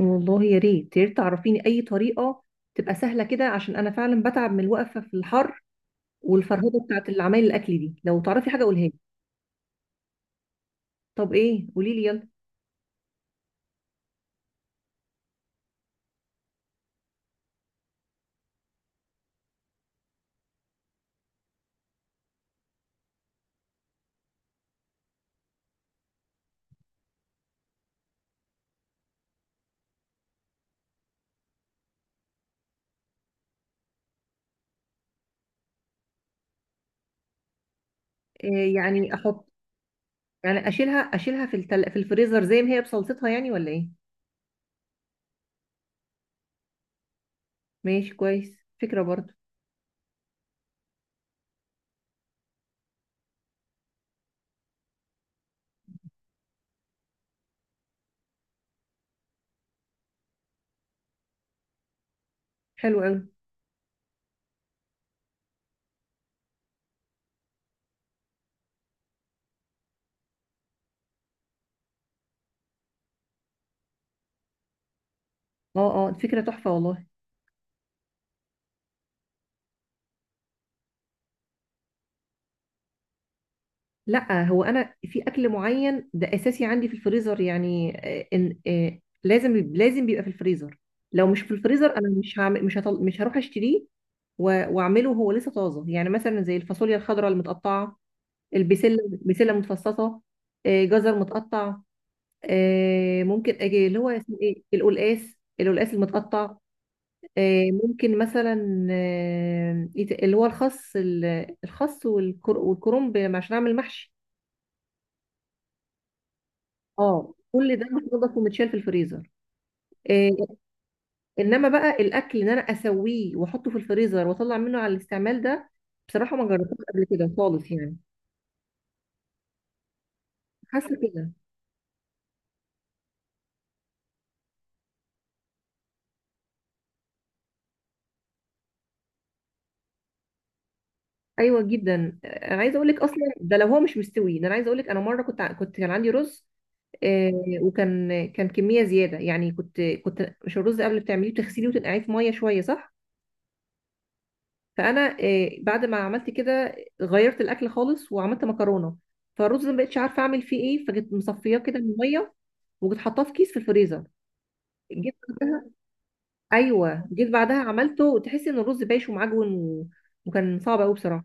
والله يا ريت يا ريت تعرفيني اي طريقه تبقى سهله كده، عشان انا فعلا بتعب من الوقفه في الحر، والفرهده بتاعت العمايل الاكل دي. لو تعرفي حاجه قولها لي. طب ايه؟ قولي لي يلا. إيه يعني؟ احط يعني؟ اشيلها في الفريزر زي ما هي بصلصتها، يعني ولا ايه؟ ماشي، كويس، فكره برضو. حلو قوي. اه اه، فكره تحفه والله. لا، هو انا في اكل معين ده اساسي عندي في الفريزر يعني. إن آه، لازم بيبقى في الفريزر. لو مش في الفريزر انا مش هعمل مش هطل... مش هروح اشتريه. واعمله هو لسه طازه، يعني مثلا زي الفاصوليا الخضراء المتقطعه، البسله، بسله متفصصه، جزر متقطع، ممكن اجي اللي هو اسمه ايه، القلقاس، القلقاس المتقطع، ممكن مثلا اللي هو الخس الخس والكرنب عشان اعمل محشي. اه، كل ده متنضف ومتشال في الفريزر. آه، انما بقى الاكل ان انا اسويه واحطه في الفريزر واطلع منه على الاستعمال ده، بصراحه ما جربتوش قبل كده خالص يعني. حاسه كده. ايوه جدا. عايزه اقول لك، اصلا ده لو هو مش مستوي، ده انا عايزه اقول لك انا مره كنت ع- كنت كان عندي رز. آه، وكان كميه زياده يعني، كنت مش، الرز قبل بتعمليه بتغسليه وتنقعيه في ميه شويه صح؟ فانا بعد ما عملت كده غيرت الاكل خالص وعملت مكرونه. فالرز ما بقتش عارفه اعمل فيه ايه، فجيت مصفياه كده من الميه وجيت حطاه في كيس في الفريزر. جيت بعدها، ايوه جيت بعدها عملته وتحسي ان الرز بايش ومعجون و، وكان صعب قوي بصراحه.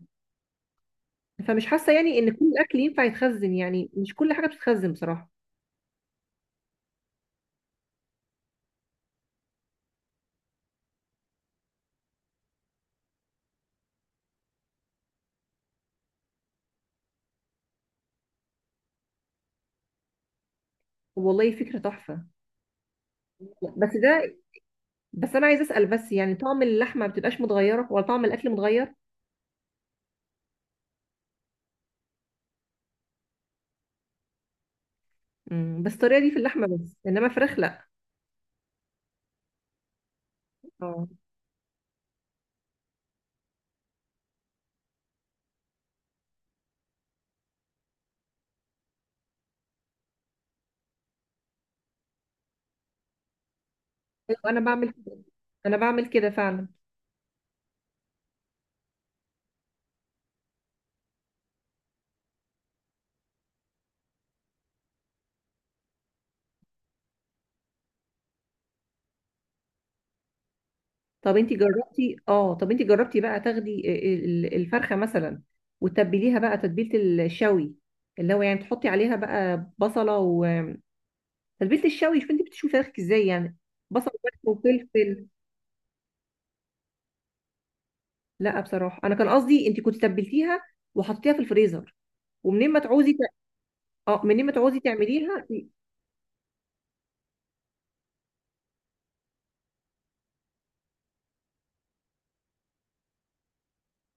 فمش حاسه يعني ان كل الاكل ينفع يتخزن، يعني مش كل حاجه بتتخزن بصراحه. والله فكره تحفه. بس ده، بس انا عايزه اسال بس، يعني طعم اللحمه ما بتبقاش متغيره ولا طعم الاكل متغير؟ بس الطريقه دي في اللحمه بس، انما فراخ لا. اه. أيوة، انا بعمل كده. انا بعمل كده فعلا. طب انت جربتي بقى، تاخدي الفرخه مثلا، وتتبليها بقى تتبيله الشوي، اللي هو يعني تحطي عليها بقى بصله وتتبيله الشوي. شوفي انت بتشوفي فراخك ازاي يعني. بصل وملح وفلفل. لا بصراحه انا كان قصدي انت كنت تبلتيها وحطيتيها في الفريزر، ومنين ما تعوزي اه، منين ما تعوزي تعمليها.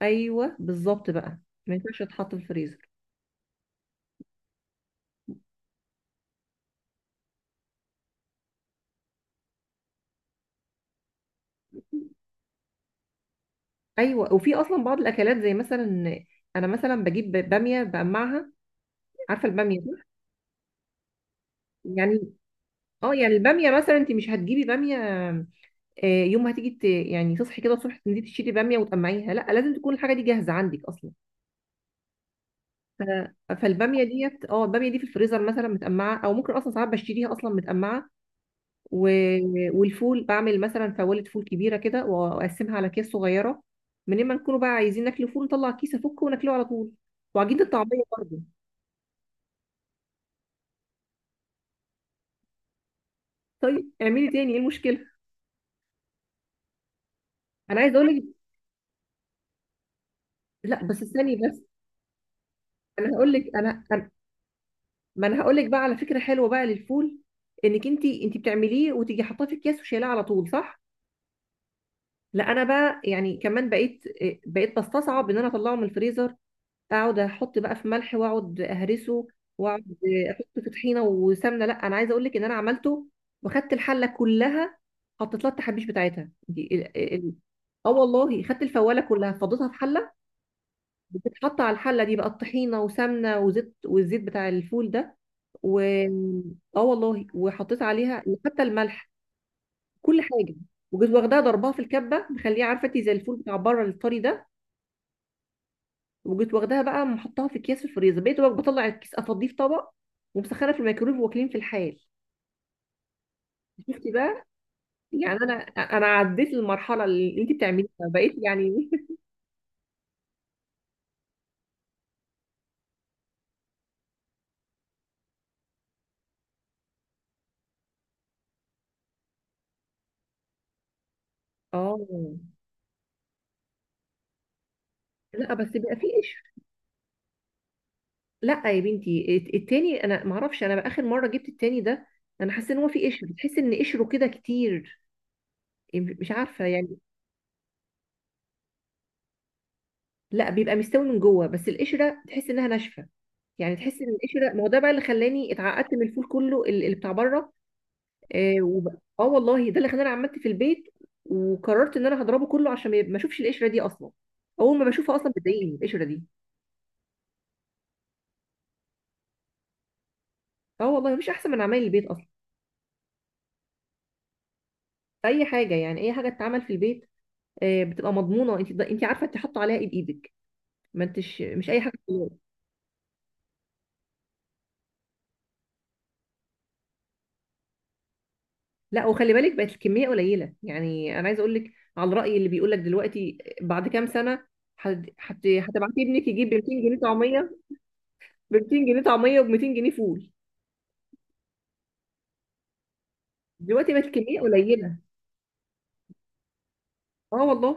ايوه، بالظبط بقى. ما ينفعش تتحط في الفريزر. ايوه، وفي اصلا بعض الاكلات زي مثلا، انا مثلا بجيب باميه بقمعها. عارفه الباميه صح؟ يعني، اه يعني الباميه مثلا انت مش هتجيبي باميه، يوم ما هتيجي يعني تصحي كده الصبح تنزلي تشتري باميه وتقمعيها، لا لازم تكون الحاجه دي جاهزه عندك اصلا. ف- فالباميه ديت اه الباميه دي في الفريزر مثلا متقمعه، او ممكن اصلا ساعات بشتريها اصلا متقمعه و، والفول بعمل مثلا فوالة فول كبيرة كده وأقسمها على أكياس صغيرة. من ما نكونوا بقى عايزين ناكل فول نطلع كيس أفكه وناكله على طول. وعجينة الطعمية برضه. طيب اعملي تاني، إيه المشكلة؟ أنا عايزة أقول لك، لا بس استني بس. أنا هقول لك ما أنا هقول لك بقى على فكرة حلوة بقى للفول. إنك أنت بتعمليه وتيجي حاطاه في أكياس وشايلاه على طول، صح؟ لا أنا بقى يعني كمان بقيت، بقيت بستصعب إن أنا أطلعه من الفريزر، اقعد احط بقى في ملح واقعد اهرسه، واقعد احط في طحينه وسمنه. لا انا عايزه اقول لك ان انا عملته، وخدت الحله كلها، حطيت لها التحابيش بتاعتها دي اه والله خدت الفواله كلها فضيتها في حله، بتتحط على الحله دي بقى الطحينه وسمنه وزيت والزيت بتاع الفول ده، و، اه والله، وحطيت عليها حتى الملح، كل حاجه، وجيت واخداها ضربها في الكبه، مخليها عارفه انت زي الفول بتاع بره الطري ده، وجيت واخداها بقى محطها في اكياس في الفريزر. بقيت بقى بطلع الكيس افضيه في طبق ومسخنه في الميكرويف، واكلين في الحال. شفتي بقى؟ يعني انا، انا عديت المرحله اللي انت بتعمليها بقيت يعني. اه. لا بس بيبقى في قشر. لا يا بنتي، التاني انا ما اعرفش، انا بقى اخر مره جبت التاني ده، انا حاسه ان هو في قشر، تحس ان قشره كده كتير. مش عارفه يعني. لا بيبقى مستوي من جوه، بس القشره تحس انها ناشفه، يعني تحس ان القشره، ما هو ده بقى اللي خلاني اتعقدت من الفول كله، اللي بتاع بره. اه آه والله، ده اللي خلاني عملت في البيت، وقررت ان انا هضربه كله عشان ما اشوفش القشره دي اصلا. اول ما بشوفها اصلا بتضايقني القشره دي. اه والله، مفيش احسن من عمايل البيت اصلا. اي حاجه يعني اي حاجه تتعمل في البيت، بتبقى مضمونه، انت عارفه انت حاطه عليها ايه بايدك، ما انتش مش اي حاجه خلاص. لا وخلي بالك بقت الكميه قليله، يعني انا عايزه اقول لك على الراي اللي بيقول لك دلوقتي بعد كام سنه، هتبعتي ابنك يجيب ب 200 جنيه طعميه. ب 200 جنيه طعميه وب 200 جنيه فول. دلوقتي بقت الكميه قليله. اه والله.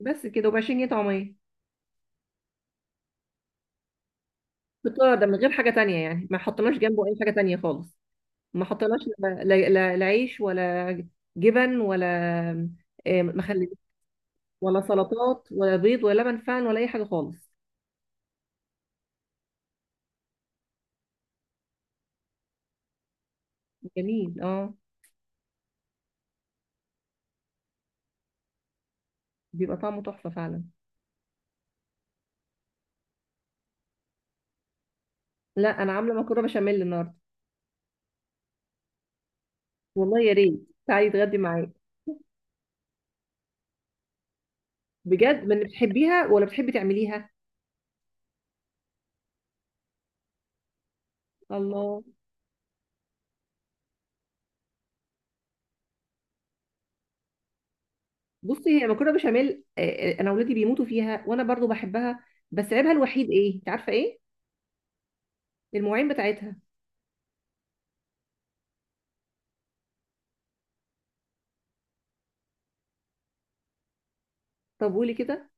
بس كده، وب 20 جنيه طعميه، بالطريقه ده من غير حاجه تانية يعني، ما حطيناش جنبه اي حاجه تانية خالص. ما حطيناش لا لا عيش، ولا جبن، ولا مخلل، ولا سلطات، ولا بيض، ولا لبن فعلا، ولا اي حاجه خالص. جميل اه. بيبقى طعمه تحفه فعلا. لا انا عامله مكرونه بشاميل النهارده. والله يا ريت، تعالي تغدي معايا. بجد، من بتحبيها ولا بتحبي تعمليها؟ الله. بصي، هي مكرونه بشاميل، انا اولادي بيموتوا فيها وانا برضو بحبها. بس عيبها الوحيد ايه، انت عارفه ايه؟ المواعين بتاعتها. طب قولي كده.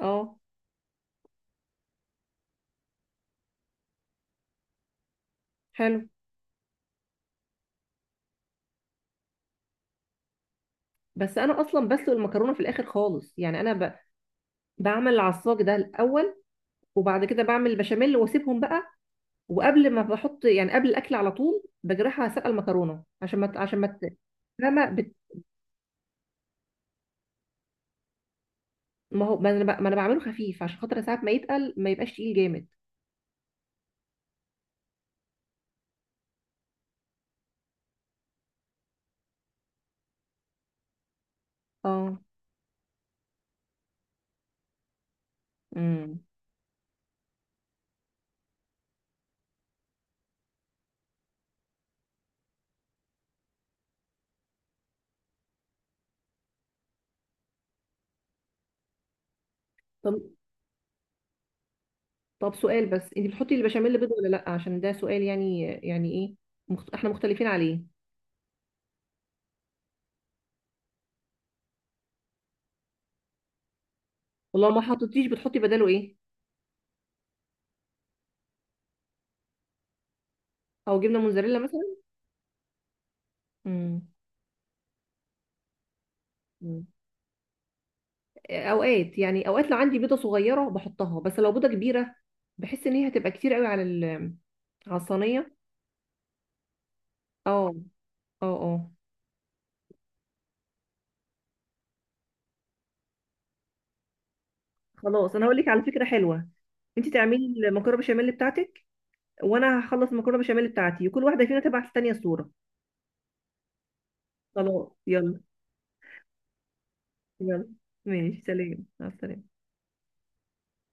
اه. حلو. بس انا اصلا بسلق المكرونه في الاخر خالص، يعني انا بعمل العصاج ده الاول، وبعد كده بعمل البشاميل واسيبهم بقى، وقبل ما بحط يعني قبل الاكل على طول بجرحها، سلق المكرونه عشان ما ت- عشان ما ت- فاهمه ما هو ما انا بعمله خفيف عشان خاطر ساعات ما يتقل، ما يبقاش تقيل جامد. اه. امم طب طب سؤال بس، انت بتحطي البشاميل بيض ولا لا؟ عشان ده سؤال يعني ايه، احنا مختلفين عليه. ولو ما حطيتيش بتحطي بداله ايه؟ او جبنه موزاريلا مثلا؟ امم. مم. اوقات يعني، اوقات لو عندي بيضه صغيره بحطها، بس لو بيضه كبيره بحس ان هي هتبقى كتير قوي على على الصينيه. اه اه اه. خلاص، انا هقول لك على فكره حلوه. انت تعملي المكرونه بشاميل بتاعتك، وانا هخلص المكرونه بشاميل بتاعتي، وكل واحده فينا تبعت التانيه صوره. خلاص يلا. يلا. ماشي، سلام، مع السلامه.